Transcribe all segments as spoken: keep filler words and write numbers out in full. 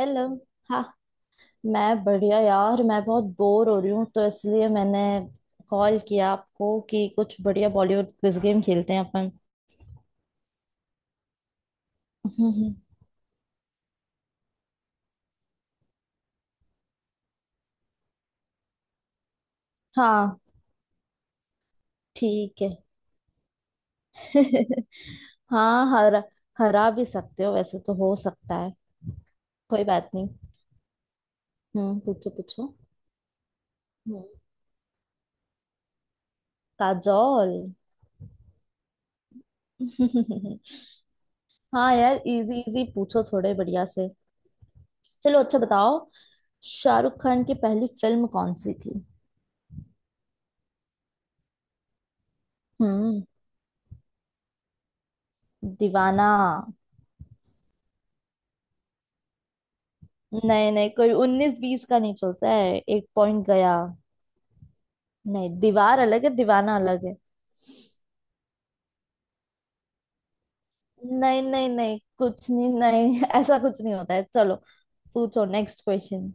Hello. हाँ, मैं बढ़िया यार। मैं बहुत बोर हो रही हूँ तो इसलिए मैंने कॉल किया आपको कि कुछ बढ़िया बॉलीवुड क्विज गेम खेलते हैं अपन। हम्म, हम्म, हाँ, ठीक है। हाँ, हरा हरा भी सकते हो वैसे तो, हो सकता है। कोई बात नहीं। हम्म पूछो पूछो। हम्म, काजोल। हाँ यार, इजी इजी पूछो थोड़े बढ़िया से। चलो अच्छा बताओ। शाहरुख खान की पहली फिल्म कौन सी थी? हम्म दीवाना। नहीं नहीं, कोई उन्नीस बीस का नहीं चलता है। एक पॉइंट गया। नहीं, दीवार अलग है, दीवाना अलग है। नहीं नहीं नहीं, कुछ नहीं नहीं ऐसा कुछ नहीं होता है। चलो, पूछो नेक्स्ट क्वेश्चन।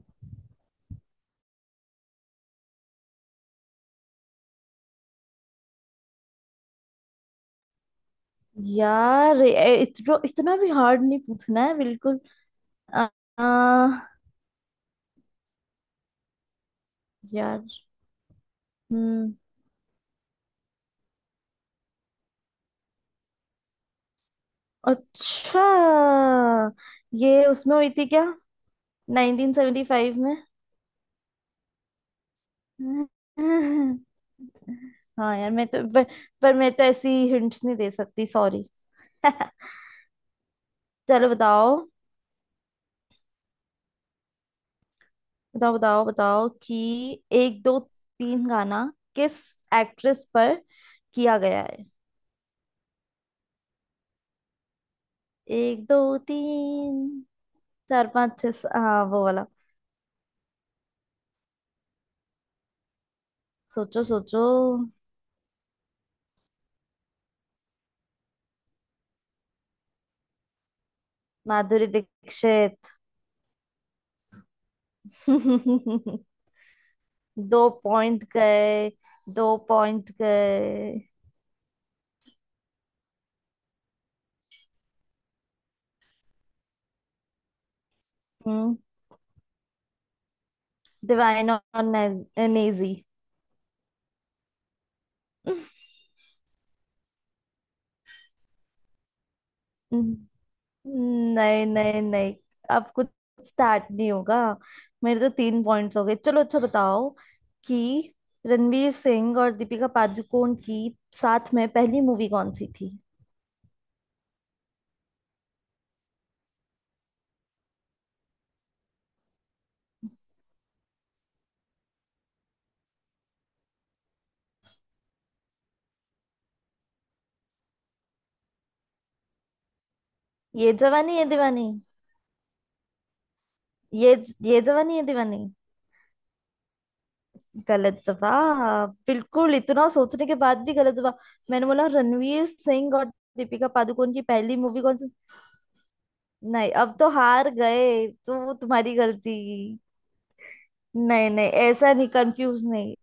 यार, ए- इतना इतना भी हार्ड नहीं पूछना है बिल्कुल। आ, आ, यार। हम्म। अच्छा, ये उसमें हुई थी क्या? नाइन्टीन सेवेन्टी फ़ाइव में? हाँ यार, मैं तो पर, पर मैं तो ऐसी हिंट्स नहीं दे सकती, सॉरी। चलो बताओ बताओ बताओ बताओ कि एक दो तीन गाना किस एक्ट्रेस पर किया गया है? एक दो तीन चार पाँच छह सा- हाँ वो वाला। सोचो सोचो। माधुरी दीक्षित। दो पॉइंट गए। दो पॉइंट गए। हम्म डिवाइन और नेजी। नहीं नहीं नहीं, अब कुछ स्टार्ट नहीं होगा। मेरे तो तीन पॉइंट्स हो गए। चलो अच्छा बताओ कि रणवीर सिंह और दीपिका पादुकोण की साथ में पहली मूवी कौन सी थी? ये जवानी है दीवानी। ये ये जवानी है दीवानी। गलत जवाब बिल्कुल। इतना सोचने के बाद भी गलत जवाब। मैंने बोला रणवीर सिंह और दीपिका पादुकोण की पहली मूवी कौन सी? नहीं, अब तो हार गए तो वो तुम्हारी गलती। नहीं नहीं, ऐसा नहीं, कंफ्यूज नहीं।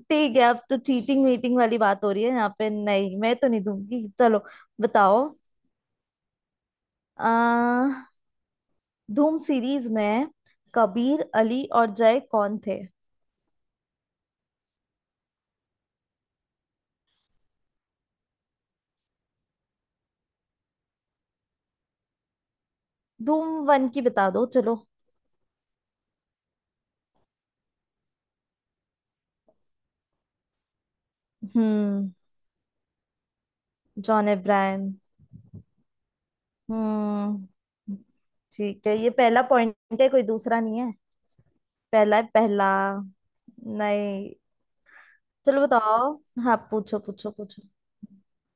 ठीक है, अब तो चीटिंग वीटिंग वाली बात हो रही है यहाँ पे। नहीं, मैं तो नहीं दूंगी। चलो, बताओ। आ, धूम सीरीज में कबीर अली और जय कौन थे? धूम वन की बता दो चलो। हम्म जॉन अब्राहम। हम्म ठीक है, ये पहला पॉइंट है, कोई दूसरा नहीं है। पहला है, पहला। नहीं। चलो बताओ। हाँ, पूछो पूछो पूछो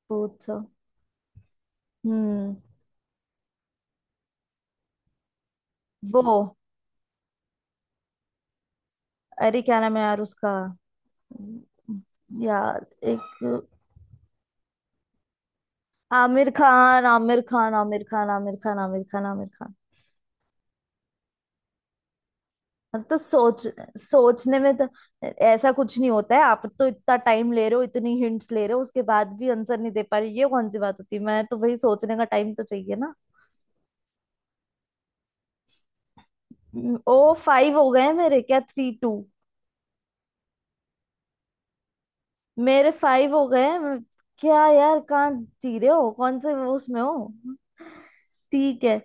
पूछो। हम्म वो, अरे क्या नाम है यार उसका? यार, एक... आमिर खान, आमिर खान, आमिर खान, आमिर खान, आमिर खान, आमिर खान। हाँ, तो सोच सोचने में तो ऐसा कुछ नहीं होता है। आप तो इतना टाइम ले रहे हो, इतनी हिंट्स ले रहे हो, उसके बाद भी आंसर नहीं दे पा रहे, ये कौन सी बात होती है? मैं तो वही, सोचने का टाइम तो चाहिए ना। ओ, फाइव हो गए हैं मेरे। क्या थ्री टू? मेरे फाइव हो गए हैं। मैं- क्या यार, कहाँ जी रहे हो कौन से वो उसमें हो? ठीक है,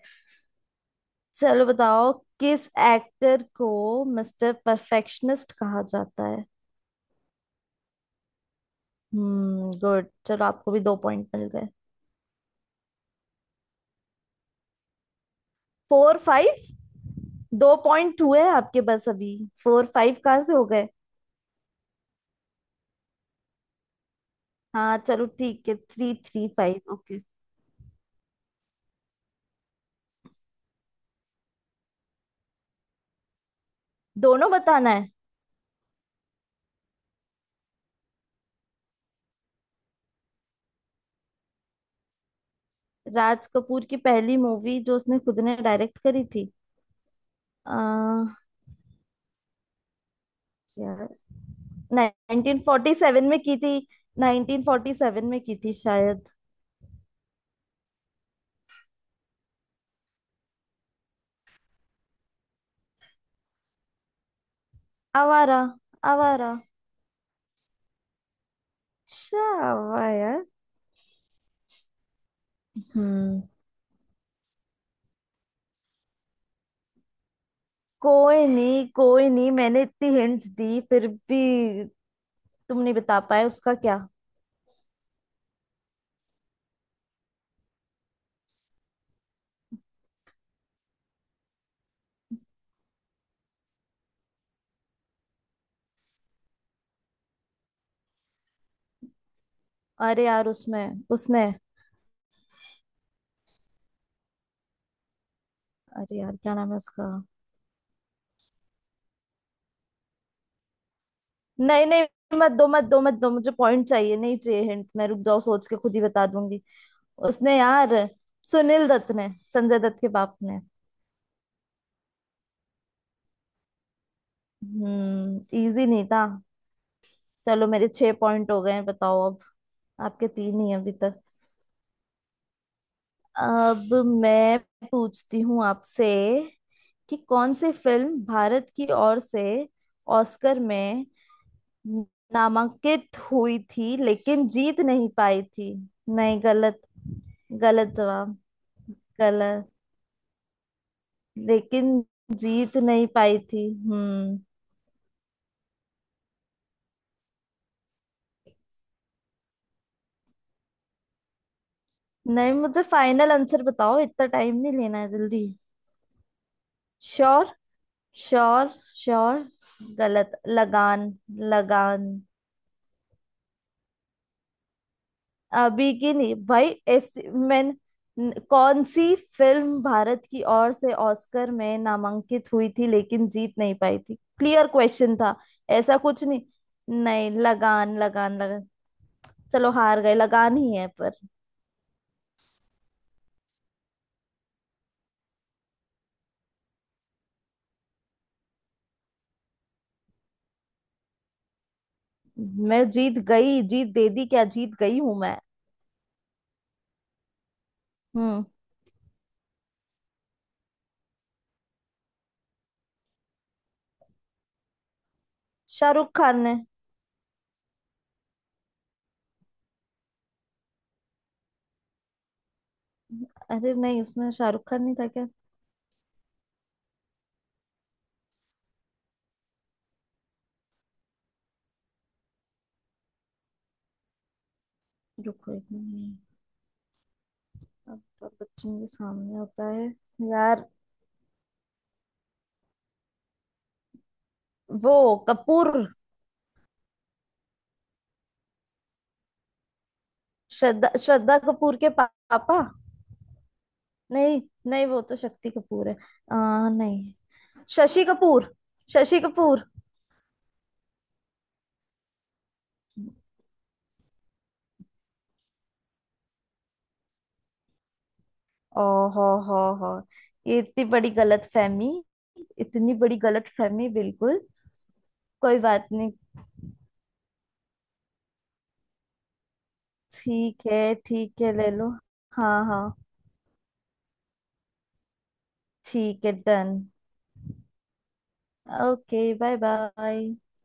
चलो बताओ, किस एक्टर को मिस्टर परफेक्शनिस्ट कहा जाता है? हम्म गुड, चलो आपको भी दो पॉइंट मिल गए। Four five? दो पॉइंट हुए आपके बस अभी। फोर फाइव कहाँ से हो गए? हाँ चलो, ठीक है, थ्री थ्री फाइव, ओके। दोनों बताना है? राज कपूर की पहली मूवी जो उसने खुद ने डायरेक्ट करी थी। आ, यार, नाइन्टीन फ़ोर्टी सेवन में की थी। नाइन्टीन फ़ोर्टी सेवन में की थी शायद। आवारा। आवारा। अच्छा, वाह यार। हम्म कोई नहीं, कोई नहीं, मैंने इतनी हिंट दी फिर भी तुम नहीं बता पाए उसका क्या? अरे यार, उसमें उसने... अरे यार, क्या नाम है उसका? नहीं नहीं, मत दो मत दो मत दो, मुझे पॉइंट चाहिए, नहीं चाहिए हिंट। मैं... रुक जाओ, सोच के खुद ही बता दूंगी। उसने यार सुनील दत्त ने, संजय दत्त के बाप ने। हम्म इजी नहीं था। चलो, मेरे छह पॉइंट हो गए हैं, बताओ अब। आपके तीन ही हैं अभी तक। अब मैं पूछती हूँ आपसे कि कौन सी फिल्म भारत की ओर से ऑस्कर में नामांकित हुई थी लेकिन जीत नहीं पाई थी? नहीं, गलत। गलत जवाब। गलत। लेकिन जीत नहीं पाई थी। हम्म। नहीं, मुझे फाइनल आंसर बताओ, इतना टाइम नहीं लेना है, जल्दी। श्योर? श्योर? श्योर? गलत। लगान। लगान। बिगिनी भाई, ऐसी मैं... कौन सी फिल्म भारत की ओर से ऑस्कर में नामांकित हुई थी लेकिन जीत नहीं पाई थी? क्लियर क्वेश्चन था। ऐसा कुछ नहीं। नहीं, लगान, लगान, लगान। चलो, हार गए। लगान ही है पर। मैं जीत गई? जीत दे दी क्या? जीत गई हूं मैं। हम्म। शाहरुख खान ने। अरे नहीं, उसमें शाहरुख खान नहीं था क्या? रुको एक मिनट। अमिताभ बच्चन के सामने होता है यार, वो... कपूर। श्रद्धा श्रद्धा कपूर के पा- पापा। नहीं नहीं, वो तो शक्ति कपूर है। आ, नहीं, शशि कपूर, शशि कपूर। ओ हो हो हो ये इतनी बड़ी गलत फहमी, इतनी बड़ी गलत फहमी बिल्कुल। कोई बात नहीं। ठीक है ठीक है, ले लो। हाँ हाँ, ठीक है, डन। Okay, bye bye.